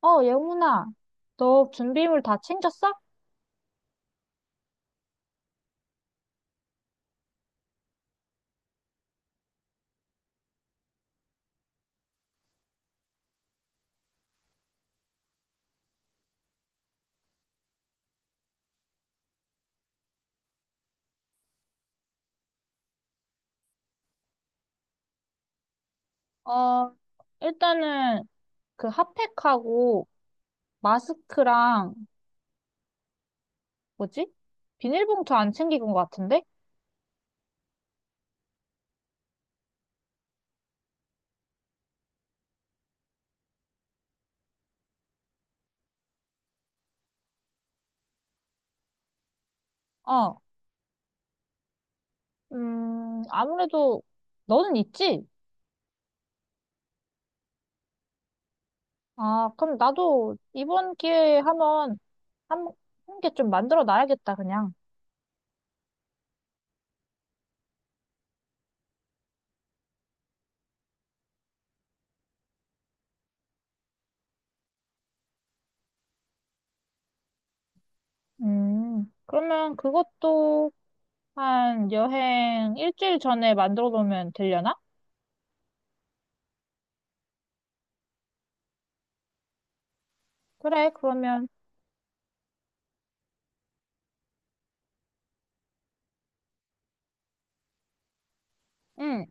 어, 예훈아, 너 준비물 다 챙겼어? 어, 일단은 그 핫팩하고 마스크랑 뭐지? 비닐봉투 안 챙긴 것 같은데? 어, 아무래도 너는 있지? 아, 그럼 나도 이번 기회에 한번 한, 게 좀 만들어 놔야겠다, 그냥. 그러면 그것도 한 여행 일주일 전에 만들어 놓으면 되려나? 그래, 그러면. 응,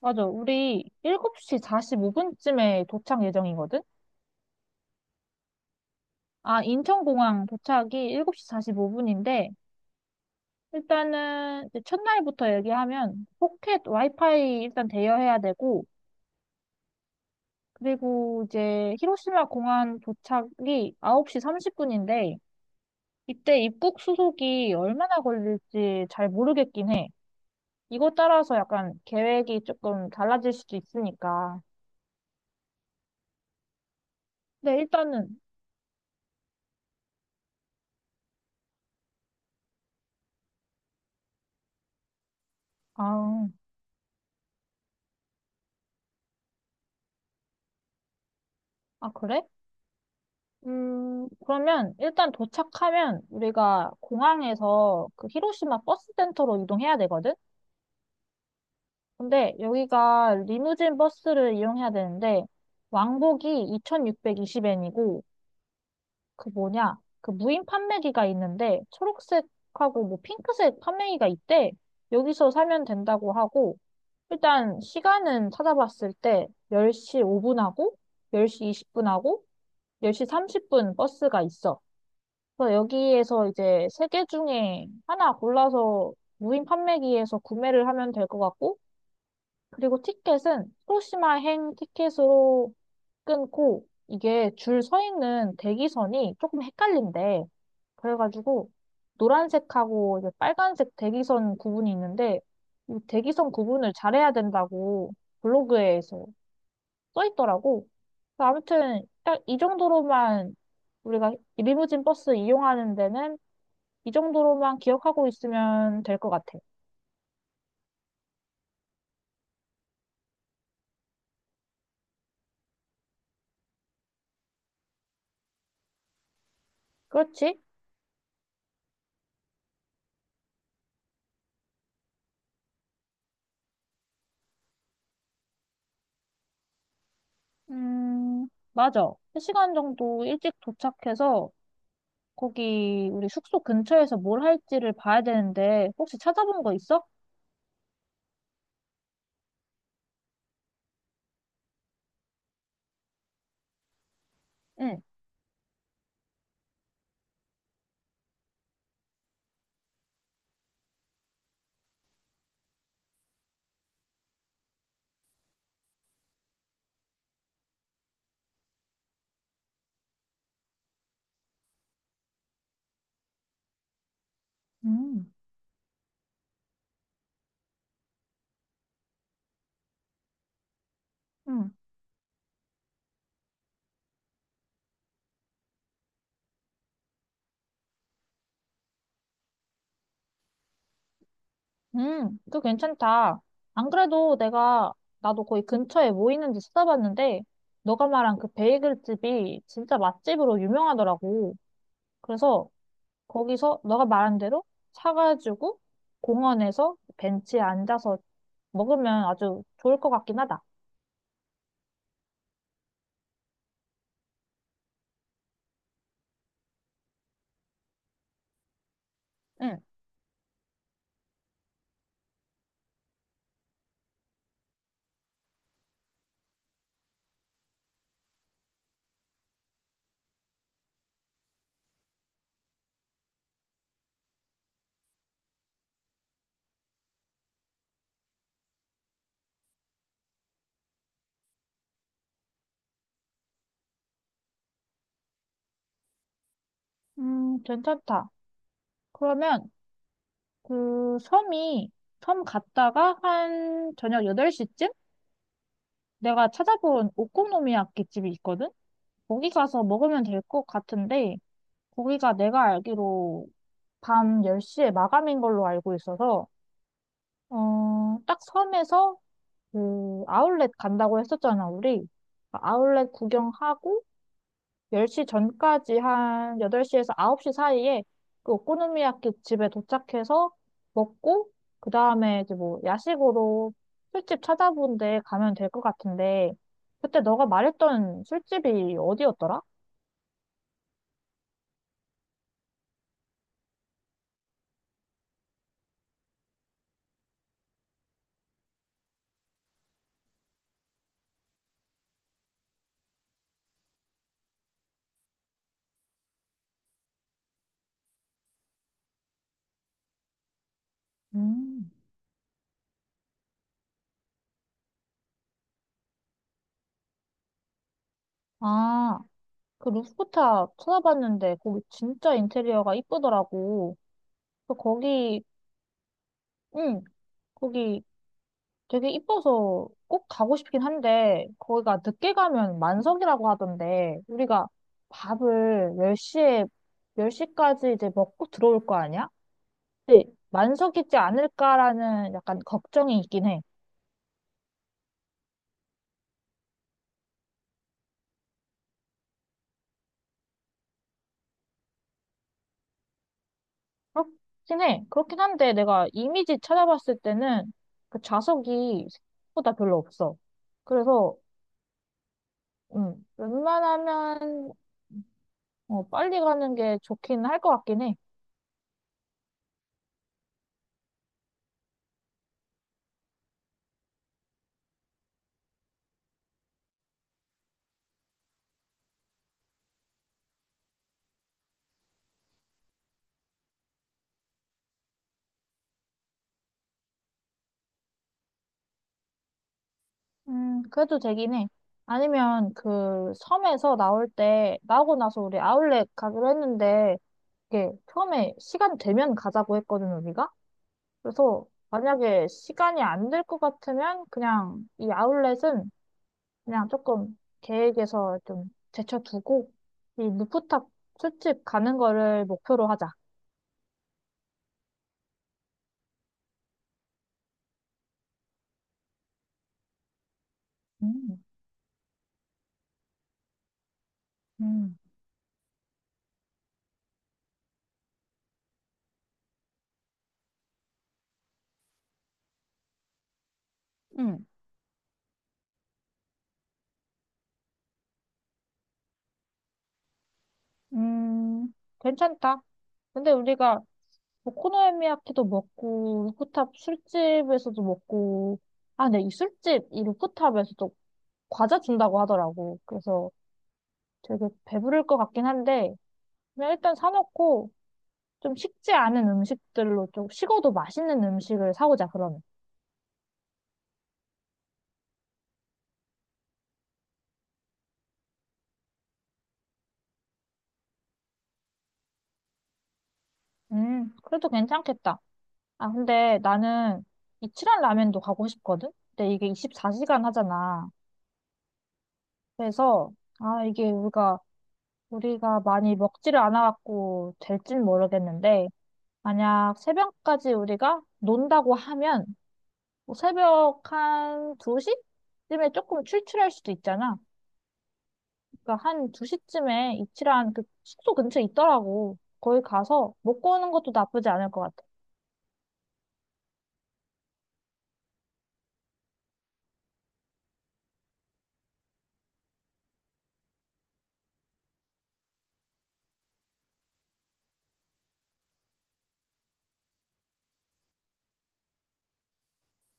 맞아. 우리 7시 45분쯤에 도착 예정이거든? 아, 인천공항 도착이 7시 45분인데, 일단은 이제 첫날부터 얘기하면 포켓 와이파이 일단 대여해야 되고, 그리고 이제 히로시마 공항 도착이 9시 30분인데, 이때 입국 수속이 얼마나 걸릴지 잘 모르겠긴 해. 이거 따라서 약간 계획이 조금 달라질 수도 있으니까. 근데 일단은, 아, 아, 그래? 그러면 일단 도착하면 우리가 공항에서 그 히로시마 버스 센터로 이동해야 되거든? 근데 여기가 리무진 버스를 이용해야 되는데 왕복이 2620엔이고, 그 뭐냐? 그 무인 판매기가 있는데 초록색하고 뭐 핑크색 판매기가 있대. 여기서 사면 된다고 하고, 일단 시간은 찾아봤을 때 10시 5분하고 10시 20분하고 10시 30분 버스가 있어. 그래서 여기에서 이제 세 개 중에 하나 골라서 무인 판매기에서 구매를 하면 될 것 같고, 그리고 티켓은 히로시마행 티켓으로 끊고, 이게 줄 서 있는 대기선이 조금 헷갈린대. 그래가지고, 노란색하고 이제 빨간색 대기선 구분이 있는데, 이 대기선 구분을 잘해야 된다고 블로그에서 써 있더라고. 그래서 아무튼, 딱 이 정도로만, 우리가 리무진 버스 이용하는 데는 이 정도로만 기억하고 있으면 될 것 같아. 그렇지? 음, 맞아. 3시간 정도 일찍 도착해서 거기 우리 숙소 근처에서 뭘 할지를 봐야 되는데 혹시 찾아본 거 있어? 응, 음, 음, 그거 괜찮다. 안 그래도 나도 거기 근처에 뭐 있는지 찾아봤는데, 너가 말한 그 베이글 집이 진짜 맛집으로 유명하더라고. 그래서 거기서 너가 말한 대로 사가지고 공원에서 벤치에 앉아서 먹으면 아주 좋을 것 같긴 하다. 응. 괜찮다. 그러면 그 섬이 섬 갔다가 한 저녁 8시쯤 내가 찾아본 오코노미야끼 집이 있거든? 거기 가서 먹으면 될 것 같은데, 거기가 내가 알기로 밤 10시에 마감인 걸로 알고 있어서 딱, 섬에서 그 아울렛 간다고 했었잖아, 우리. 그 아울렛 구경하고 10시 전까지 한 8시에서 9시 사이에 그 오코노미야키 집에 도착해서 먹고, 그 다음에 이제 뭐 야식으로 술집 찾아본 데 가면 될 것 같은데, 그때 너가 말했던 술집이 어디였더라? 음. 아, 그 루프탑 찾아봤는데, 거기 진짜 인테리어가 이쁘더라고. 그 거기, 응, 거기 되게 이뻐서 꼭 가고 싶긴 한데, 거기가 늦게 가면 만석이라고 하던데, 우리가 밥을 10시에, 열 시까지 이제 먹고 들어올 거 아니야? 근데 만석이지 않을까라는 약간 걱정이 있긴 해. 그렇긴 해. 그렇긴 한데, 내가 이미지 찾아봤을 때는 그 좌석이 생각보다 별로 없어. 그래서, 웬만하면, 빨리 가는 게 좋긴 할 것 같긴 해. 그래도 되긴 해. 아니면 그 섬에서 나올 때, 나오고 나서 우리 아울렛 가기로 했는데, 이게 처음에 시간 되면 가자고 했거든, 우리가. 그래서 만약에 시간이 안 될 것 같으면 그냥 이 아울렛은 그냥 조금 계획에서 좀 제쳐두고, 이 루프탑 술집 가는 거를 목표로 하자. 음, 음, 응. 음, 괜찮다. 근데 우리가 오코노미야키도 먹고 루프탑 술집에서도 먹고, 아, 근데 이 루프탑에서도 과자 준다고 하더라고. 그래서 되게 배부를 것 같긴 한데, 그냥 일단 사놓고, 좀 식지 않은 음식들로, 좀 식어도 맛있는 음식을 사오자, 그러면. 그래도 괜찮겠다. 아, 근데 나는 이치란 라면도 가고 싶거든. 근데 이게 24시간 하잖아. 그래서 아, 이게 우리가 많이 먹지를 않아갖고 될진 모르겠는데, 만약 새벽까지 우리가 논다고 하면 뭐 새벽 한 2시쯤에 조금 출출할 수도 있잖아. 그러니까 한 2시쯤에 이치란 그 숙소 근처에 있더라고. 거기 가서 먹고 오는 것도 나쁘지 않을 것 같아.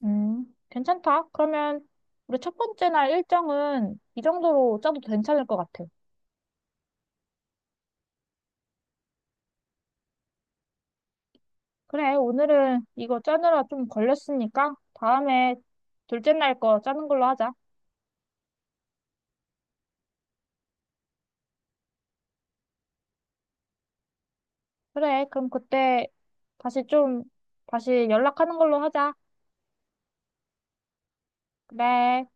괜찮다. 그러면 우리 첫 번째 날 일정은 이 정도로 짜도 괜찮을 것 같아. 그래, 오늘은 이거 짜느라 좀 걸렸으니까 다음에 둘째 날 거 짜는 걸로 하자. 그래, 그럼 그때 다시 좀, 다시 연락하는 걸로 하자. 그래.